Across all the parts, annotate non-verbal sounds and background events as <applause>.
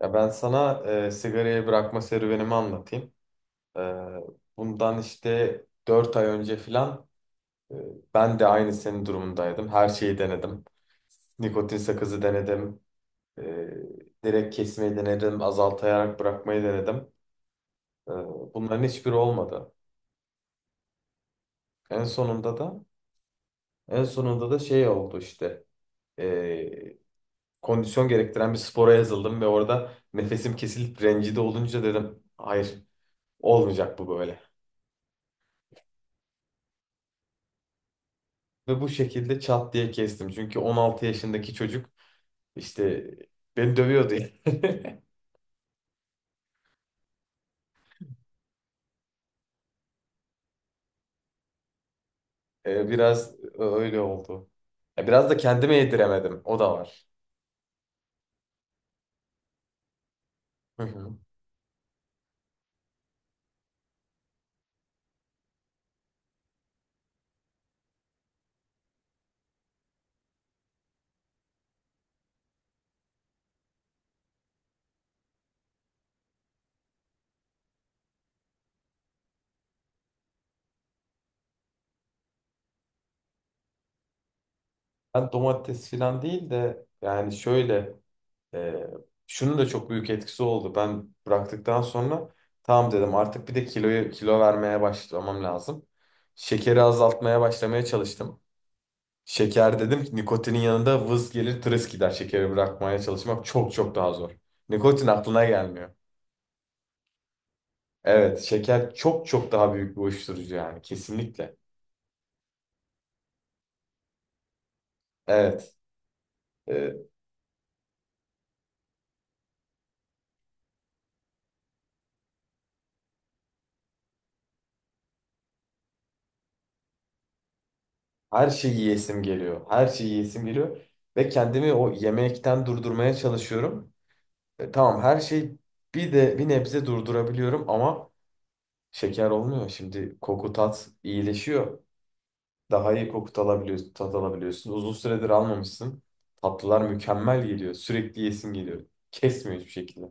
Ya ben sana sigarayı bırakma serüvenimi anlatayım. E, bundan işte 4 ay önce filan e, ben de aynı senin durumundaydım. Her şeyi denedim. Nikotin sakızı denedim. E, direkt kesmeyi denedim. Azaltayarak bırakmayı denedim. E, bunların hiçbiri olmadı. En sonunda da en sonunda da şey oldu işte. E, kondisyon gerektiren bir spora yazıldım ve orada nefesim kesilip rencide olunca dedim hayır olmayacak bu böyle. Ve bu şekilde çat diye kestim. Çünkü 16 yaşındaki çocuk işte beni dövüyordu. <laughs> Biraz öyle oldu. Ya biraz da kendime yediremedim. O da var. Hı hı. Ben domates falan değil de yani şöyle e, şunun da çok büyük etkisi oldu. Ben bıraktıktan sonra tamam dedim artık bir de kiloyu kilo vermeye başlamam lazım. Şekeri azaltmaya başlamaya çalıştım. Şeker dedim ki nikotinin yanında vız gelir tırıs gider. Şekeri bırakmaya çalışmak çok çok daha zor. Nikotin aklına gelmiyor. Evet, şeker çok çok daha büyük bir uyuşturucu yani kesinlikle. Evet, e, her şeyi yiyesim geliyor. Her şeyi yiyesim geliyor ve kendimi o yemekten durdurmaya çalışıyorum. Tamam her şey bir de bir nebze durdurabiliyorum ama şeker olmuyor. Şimdi koku tat iyileşiyor. Daha iyi koku alabiliyorsun, tat alabiliyorsun. Uzun süredir almamışsın. Tatlılar mükemmel geliyor. Sürekli yesin geliyor. Kesmiyor hiçbir şekilde.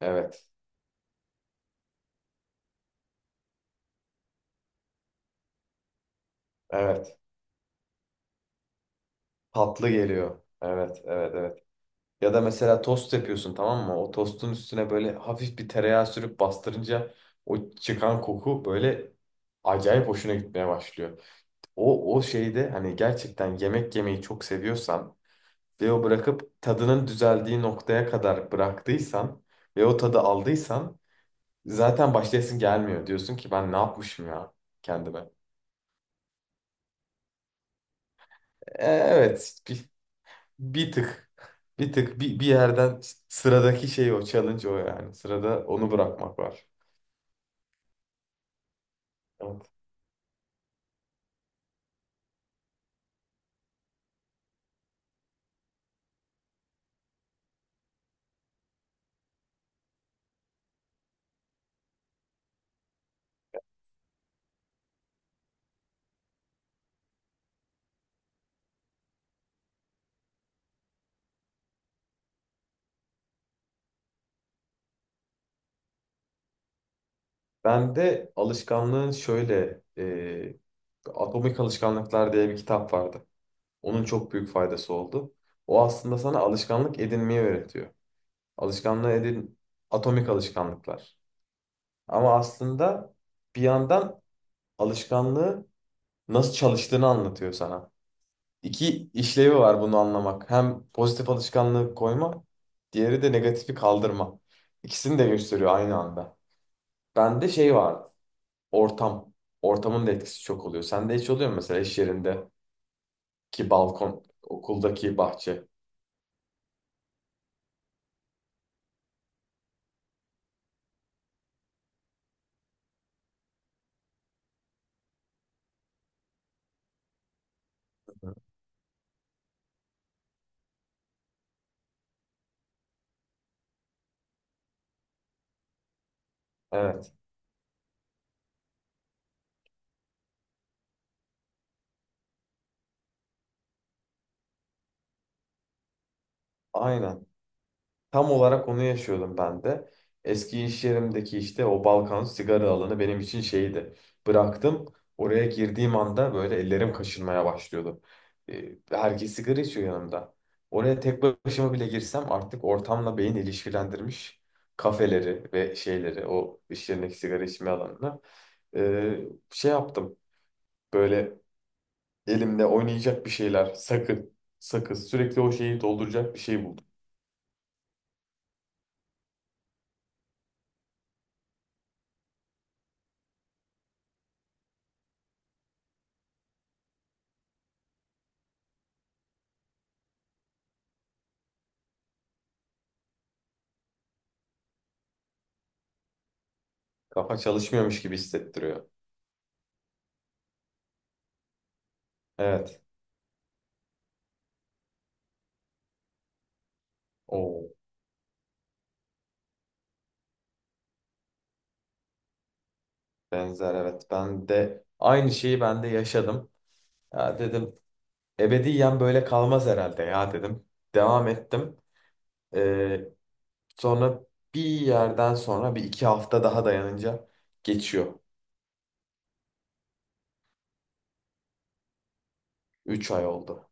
Evet, evet. Tatlı geliyor. Evet, evet, evet. Ya da mesela tost yapıyorsun tamam mı? O tostun üstüne böyle hafif bir tereyağı sürüp bastırınca o çıkan koku böyle acayip hoşuna gitmeye başlıyor. O, o şeyde hani gerçekten yemek yemeyi çok seviyorsan ve o bırakıp tadının düzeldiği noktaya kadar bıraktıysan ve o tadı aldıysan zaten başlayasın gelmiyor. Diyorsun ki ben ne yapmışım ya kendime. Evet bir, bir tık bir tık bir yerden sıradaki şey o challenge o yani. Sırada onu bırakmak var. Evet. Ben de alışkanlığın şöyle Atomik Alışkanlıklar diye bir kitap vardı. Onun çok büyük faydası oldu. O aslında sana alışkanlık edinmeyi öğretiyor. Alışkanlığı edin atomik alışkanlıklar. Ama aslında bir yandan alışkanlığı nasıl çalıştığını anlatıyor sana. İki işlevi var bunu anlamak. Hem pozitif alışkanlığı koyma, diğeri de negatifi kaldırma. İkisini de gösteriyor aynı anda. Bende şey var, ortam. Ortamın da etkisi çok oluyor. Sende hiç oluyor mu mesela iş yerindeki balkon, okuldaki bahçe? Evet, aynen. Tam olarak onu yaşıyordum ben de. Eski iş yerimdeki işte o Balkan sigara alanı benim için şeydi. Bıraktım. Oraya girdiğim anda böyle ellerim kaşınmaya başlıyordu. Herkes sigara içiyor yanımda. Oraya tek başıma bile girsem artık ortamla beyin ilişkilendirmiş kafeleri ve şeyleri o iş yerindeki sigara içme alanını ee, şey yaptım. Böyle elimde oynayacak bir şeyler sakın sakız sakız, sürekli o şeyi dolduracak bir şey buldum. Kafa çalışmıyormuş gibi hissettiriyor. Evet. O benzer evet. Ben de aynı şeyi ben de yaşadım. Ya dedim ebediyen böyle kalmaz herhalde ya dedim. Devam ettim. Ee, sonra bir yerden sonra bir iki hafta daha dayanınca geçiyor. 3 ay oldu.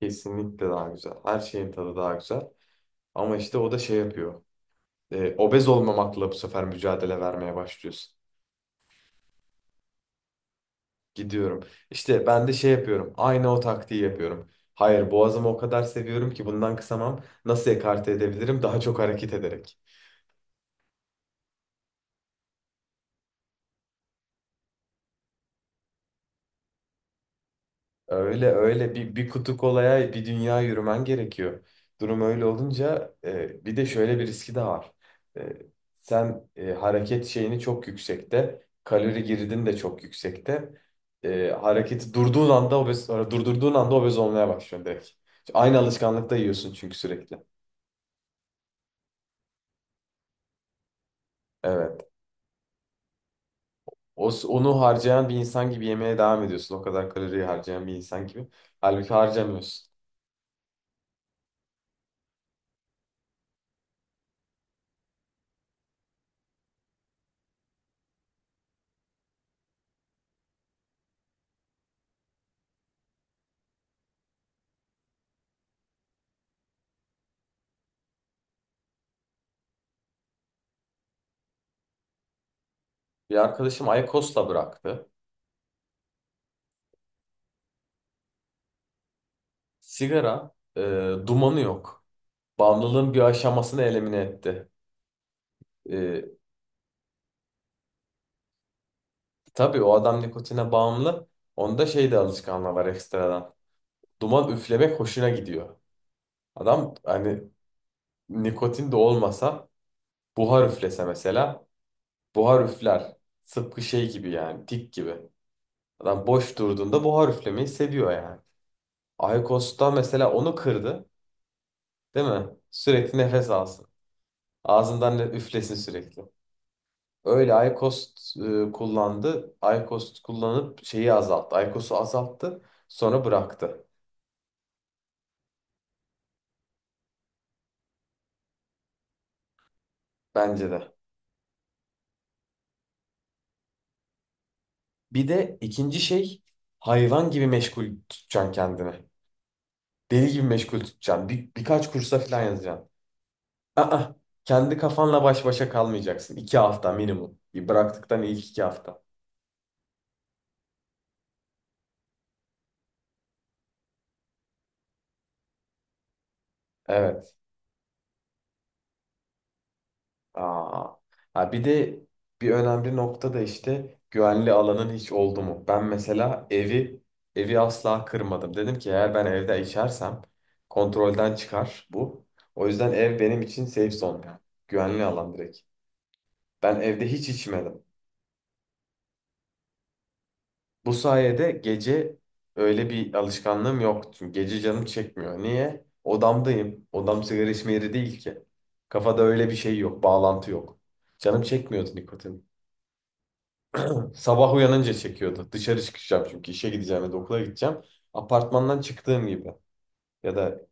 Kesinlikle daha güzel. Her şeyin tadı daha güzel. Ama işte o da şey yapıyor. Obez olmamakla bu sefer mücadele vermeye başlıyorsun. Gidiyorum. İşte ben de şey yapıyorum. Aynı o taktiği yapıyorum. Hayır, boğazımı o kadar seviyorum ki bundan kısamam. Nasıl ekarte edebilirim? Daha çok hareket ederek. Öyle öyle bir kutu kolaya bir dünya yürümen gerekiyor. Durum öyle olunca bir de şöyle bir riski de var. E, sen hareket şeyini çok yüksekte, kalori girdin de çok yüksekte. Hareketi durdurduğun anda obez olmaya başlıyorsun direkt. Aynı alışkanlıkta yiyorsun çünkü sürekli. Evet. O, onu harcayan bir insan gibi yemeye devam ediyorsun. O kadar kaloriyi harcayan bir insan gibi. Halbuki harcamıyorsun. Bir arkadaşım IQOS'la bıraktı. Sigara dumanı yok. Bağımlılığın bir aşamasını elimine etti. E, tabii o adam nikotine bağımlı. Onda şey de alışkanlığı var ekstradan. Duman üflemek hoşuna gidiyor. Adam hani nikotin de olmasa buhar üflese mesela buhar üfler. Tıpkı şey gibi yani tik gibi. Adam boş durduğunda buhar üflemeyi seviyor yani. Aykos'ta mesela onu kırdı, değil mi? Sürekli nefes alsın. Ağzından ne üflesin sürekli. Öyle Aykost kullandı. Aykost kullanıp şeyi azalttı. Aykos'u azalttı. Sonra bıraktı. Bence de. Bir de ikinci şey hayvan gibi meşgul tutacaksın kendini. Deli gibi meşgul tutacaksın. Bir, birkaç kursa falan yazacaksın. Aa, kendi kafanla baş başa kalmayacaksın. 2 hafta minimum. Bıraktıktan ilk 2 hafta. Evet. Aa. Ha bir de bir önemli nokta da işte güvenli alanın hiç oldu mu? Ben mesela evi asla kırmadım. Dedim ki eğer ben evde içersem kontrolden çıkar bu. O yüzden ev benim için safe zone yani. Güvenli alan direkt. Ben evde hiç içmedim. Bu sayede gece öyle bir alışkanlığım yok. Çünkü gece canım çekmiyor. Niye? Odamdayım. Odam sigara içme yeri değil ki. Kafada öyle bir şey yok, bağlantı yok. Canım çekmiyordu nikotin. Sabah uyanınca çekiyordu. Dışarı çıkacağım çünkü işe gideceğim ya da okula gideceğim. Apartmandan çıktığım gibi ya da